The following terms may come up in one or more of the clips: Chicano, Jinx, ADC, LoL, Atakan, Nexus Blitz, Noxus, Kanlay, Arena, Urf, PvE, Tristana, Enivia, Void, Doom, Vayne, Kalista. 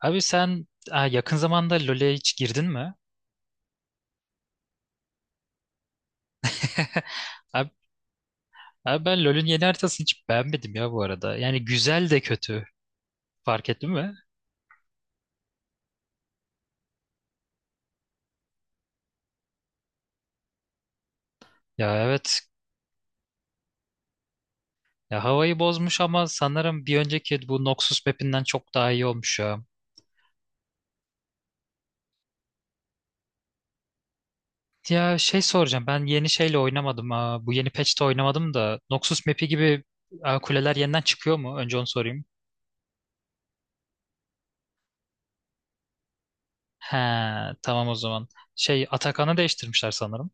Abi sen yakın zamanda LoL'e hiç girdin mi? Abi, abi, ben LoL'ün yeni haritasını hiç beğenmedim ya bu arada. Yani güzel de kötü. Fark ettin mi? Ya evet. Ya havayı bozmuş ama sanırım bir önceki bu Noxus map'inden çok daha iyi olmuş ya. Ya şey soracağım. Ben yeni şeyle oynamadım. Bu yeni patch'te oynamadım da Noxus map'i gibi kuleler yeniden çıkıyor mu? Önce onu sorayım. He, tamam o zaman. Şey Atakan'ı değiştirmişler sanırım.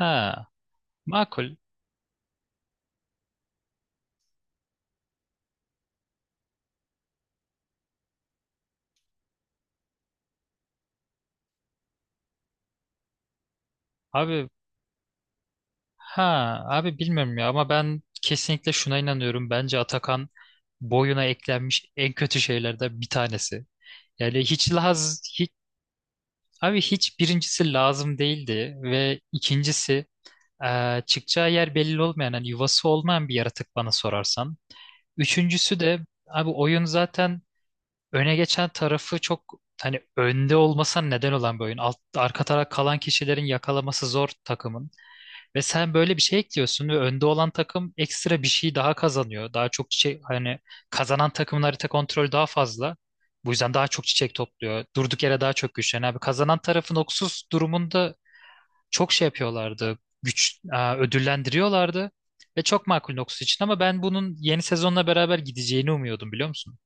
Ha, makul. Abi Ha abi, bilmiyorum ya ama ben kesinlikle şuna inanıyorum. Bence Atakan boyuna eklenmiş en kötü şeylerden bir tanesi. Yani abi hiç birincisi lazım değildi ve ikincisi çıkacağı yer belli olmayan hani yuvası olmayan bir yaratık bana sorarsan. Üçüncüsü de abi oyun zaten öne geçen tarafı çok hani önde olmasa neden olan bir oyun. Alt, arka taraf kalan kişilerin yakalaması zor takımın. Ve sen böyle bir şey ekliyorsun ve önde olan takım ekstra bir şey daha kazanıyor. Daha çok şey hani kazanan takımın harita kontrolü daha fazla. Bu yüzden daha çok çiçek topluyor. Durduk yere daha çok güçleniyor. Abi kazanan tarafın oksuz durumunda çok şey yapıyorlardı. Güç ödüllendiriyorlardı. Ve çok makul Noxus için ama ben bunun yeni sezonla beraber gideceğini umuyordum biliyor musun?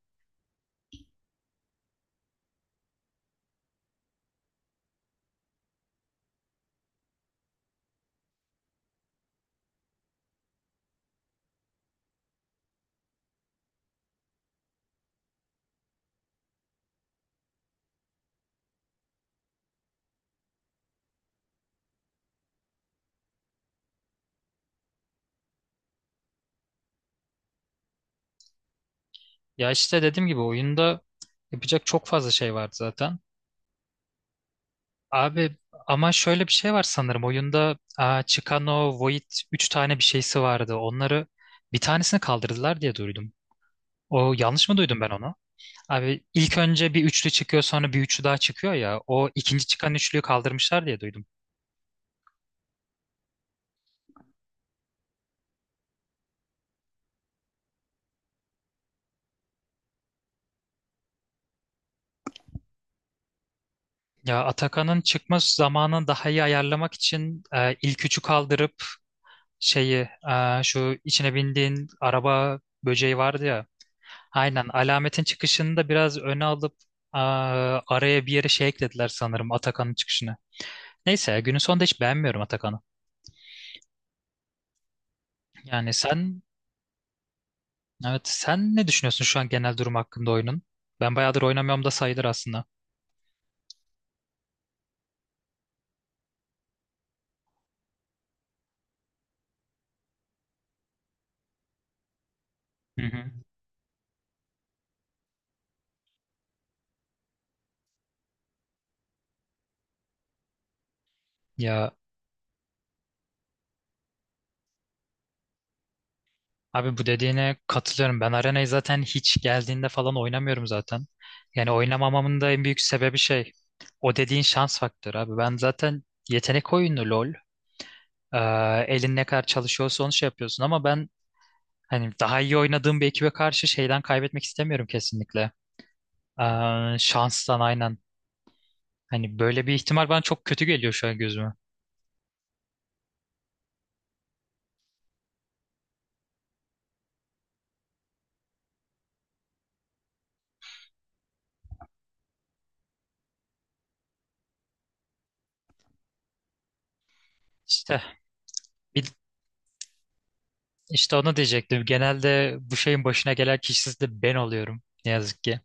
Ya işte dediğim gibi oyunda yapacak çok fazla şey vardı zaten. Abi ama şöyle bir şey var sanırım oyunda Chicano, Void 3 tane bir şeysi vardı. Onları bir tanesini kaldırdılar diye duydum. O yanlış mı duydum ben onu? Abi ilk önce bir üçlü çıkıyor sonra bir üçlü daha çıkıyor ya. O ikinci çıkan üçlüyü kaldırmışlar diye duydum. Ya Atakan'ın çıkma zamanını daha iyi ayarlamak için ilk üçü kaldırıp şeyi şu içine bindiğin araba böceği vardı ya. Aynen alametin çıkışını da biraz öne alıp e, araya bir yere şey eklediler sanırım Atakan'ın çıkışını. Neyse günün sonunda hiç beğenmiyorum Atakan'ı. Yani sen evet sen ne düşünüyorsun şu an genel durum hakkında oyunun? Ben bayağıdır oynamıyorum da sayılır aslında. Hı hı. Ya Abi bu dediğine katılıyorum. Ben Arena'yı zaten hiç geldiğinde falan oynamıyorum zaten. Yani oynamamamın da en büyük sebebi şey. O dediğin şans faktörü abi. Ben zaten yetenek oyunu LoL. Ee, Elin ne kadar çalışıyorsa onu şey yapıyorsun ama ben hani daha iyi oynadığım bir ekibe karşı şeyden kaybetmek istemiyorum kesinlikle. Şanstan aynen. Hani böyle bir ihtimal bana çok kötü geliyor şu an gözüme. İşte bir, işte onu diyecektim. Genelde bu şeyin başına gelen kişisi de ben oluyorum. Ne yazık ki.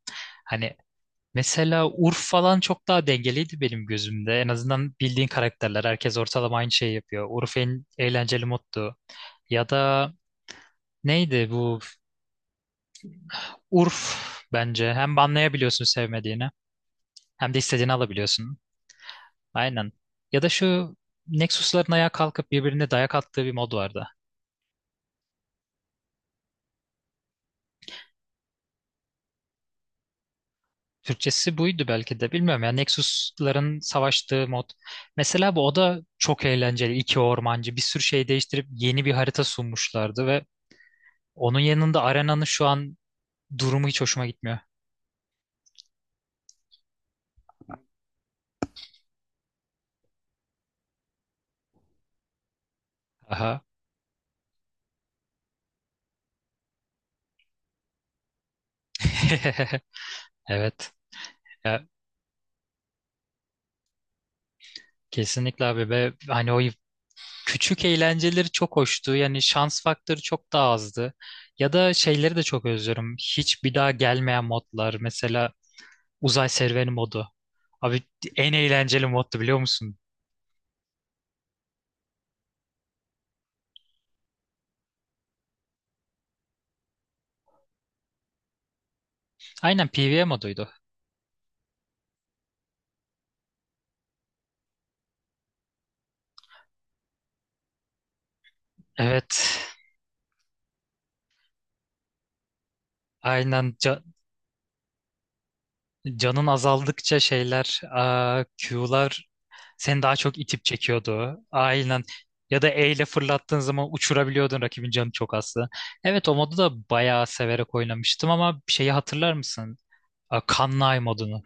Hani mesela Urf falan çok daha dengeliydi benim gözümde. En azından bildiğin karakterler. Herkes ortalama aynı şeyi yapıyor. Urf en eğlenceli moddu. Ya da neydi bu? Urf bence. Hem banlayabiliyorsun sevmediğini hem de istediğini alabiliyorsun. Aynen. Ya da şu Nexus'ların ayağa kalkıp birbirine dayak attığı bir mod vardı. Türkçesi buydu belki de bilmiyorum ya Nexus'ların savaştığı mod. Mesela bu o da çok eğlenceli. İki ormancı bir sürü şey değiştirip yeni bir harita sunmuşlardı ve onun yanında Arena'nın şu an durumu hiç hoşuma gitmiyor. Aha. Evet. Ya, kesinlikle abi ve hani o küçük eğlenceleri çok hoştu. Yani şans faktörü çok daha azdı. Ya da şeyleri de çok özlüyorum. Hiç bir daha gelmeyen modlar. Mesela uzay serüveni modu. Abi en eğlenceli moddu biliyor musun? Aynen PvE moduydu. Evet. Aynen Ca- Canın azaldıkça şeyler, Q'lar seni daha çok itip çekiyordu. Aynen. Ya da E ile fırlattığın zaman uçurabiliyordun rakibin canı çok azdı. Evet o modu da bayağı severek oynamıştım ama şeyi hatırlar mısın? A, Kanlay modunu.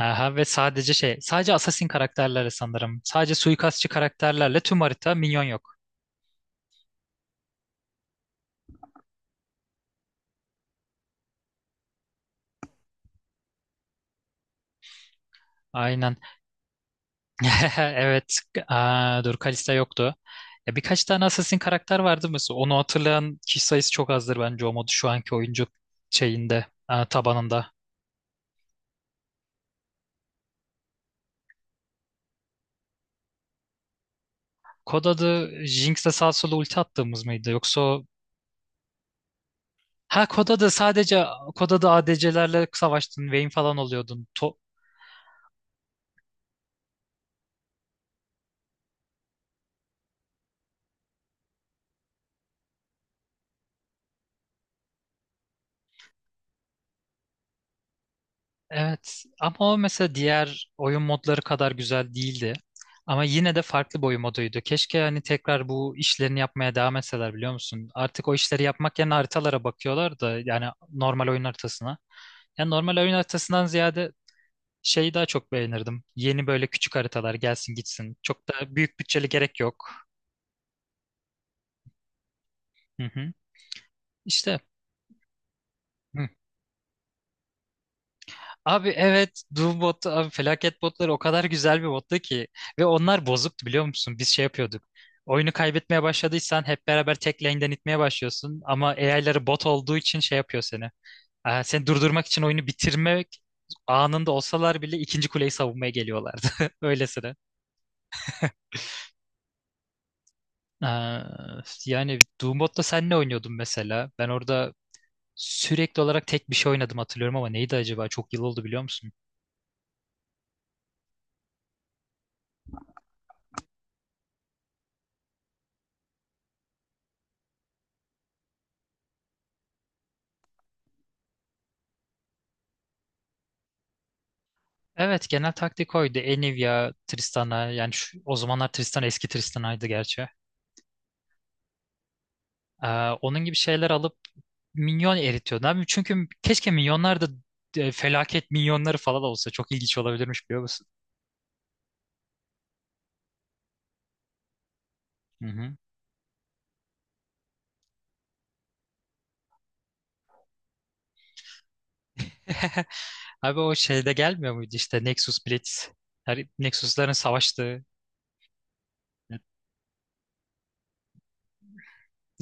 Aha, ve sadece şey, sadece assassin karakterlerle sanırım. Sadece suikastçı karakterlerle tüm harita minyon yok. Aynen. Evet. Dur Kalista yoktu. Ya birkaç tane assassin karakter vardı mesela. Onu hatırlayan kişi sayısı çok azdır bence o modu şu anki oyuncu şeyinde, tabanında. Kod adı Jinx'le sağ sola ulti attığımız mıydı? Yoksa o... Ha kod adı sadece kod adı ADC'lerle savaştın. Vayne falan oluyordun. To- evet ama o mesela diğer oyun modları kadar güzel değildi. Ama yine de farklı bir oyun moduydu. Keşke hani tekrar bu işlerini yapmaya devam etseler biliyor musun? Artık o işleri yapmak yerine haritalara bakıyorlar da yani normal oyun haritasına. Yani normal oyun haritasından ziyade şeyi daha çok beğenirdim. Yeni böyle küçük haritalar gelsin gitsin. Çok da büyük bütçeli gerek yok. Hı hı. İşte Hı. Abi evet Doom botu abi felaket botları o kadar güzel bir bottu ki ve onlar bozuktu biliyor musun? Biz şey yapıyorduk. Oyunu kaybetmeye başladıysan hep beraber tek lane'den itmeye başlıyorsun ama AI'ları bot olduğu için şey yapıyor seni. Seni durdurmak için oyunu bitirmek anında olsalar bile ikinci kuleyi savunmaya geliyorlardı. Öylesine. Ee, Yani Doom botla sen ne oynuyordun mesela? Ben orada sürekli olarak tek bir şey oynadım hatırlıyorum ama neydi acaba? Çok yıl oldu biliyor musun? Evet genel taktik oydu. Enivia, Tristana yani şu, o zamanlar Tristana eski Tristana'ydı gerçi. Ee, Onun gibi şeyler alıp minyon eritiyordu. Abi çünkü keşke minyonlar da felaket minyonları falan olsa çok ilginç olabilirmiş biliyor musun? Hı hı. Abi o şeyde gelmiyor muydu işte Nexus Blitz. Her Nexus'ların savaştığı.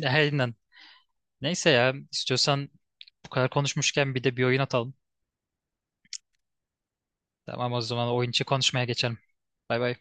Aynen. Neyse ya istiyorsan bu kadar konuşmuşken bir de bir oyun atalım. Tamam o zaman oyun içi konuşmaya geçelim. Bay bay.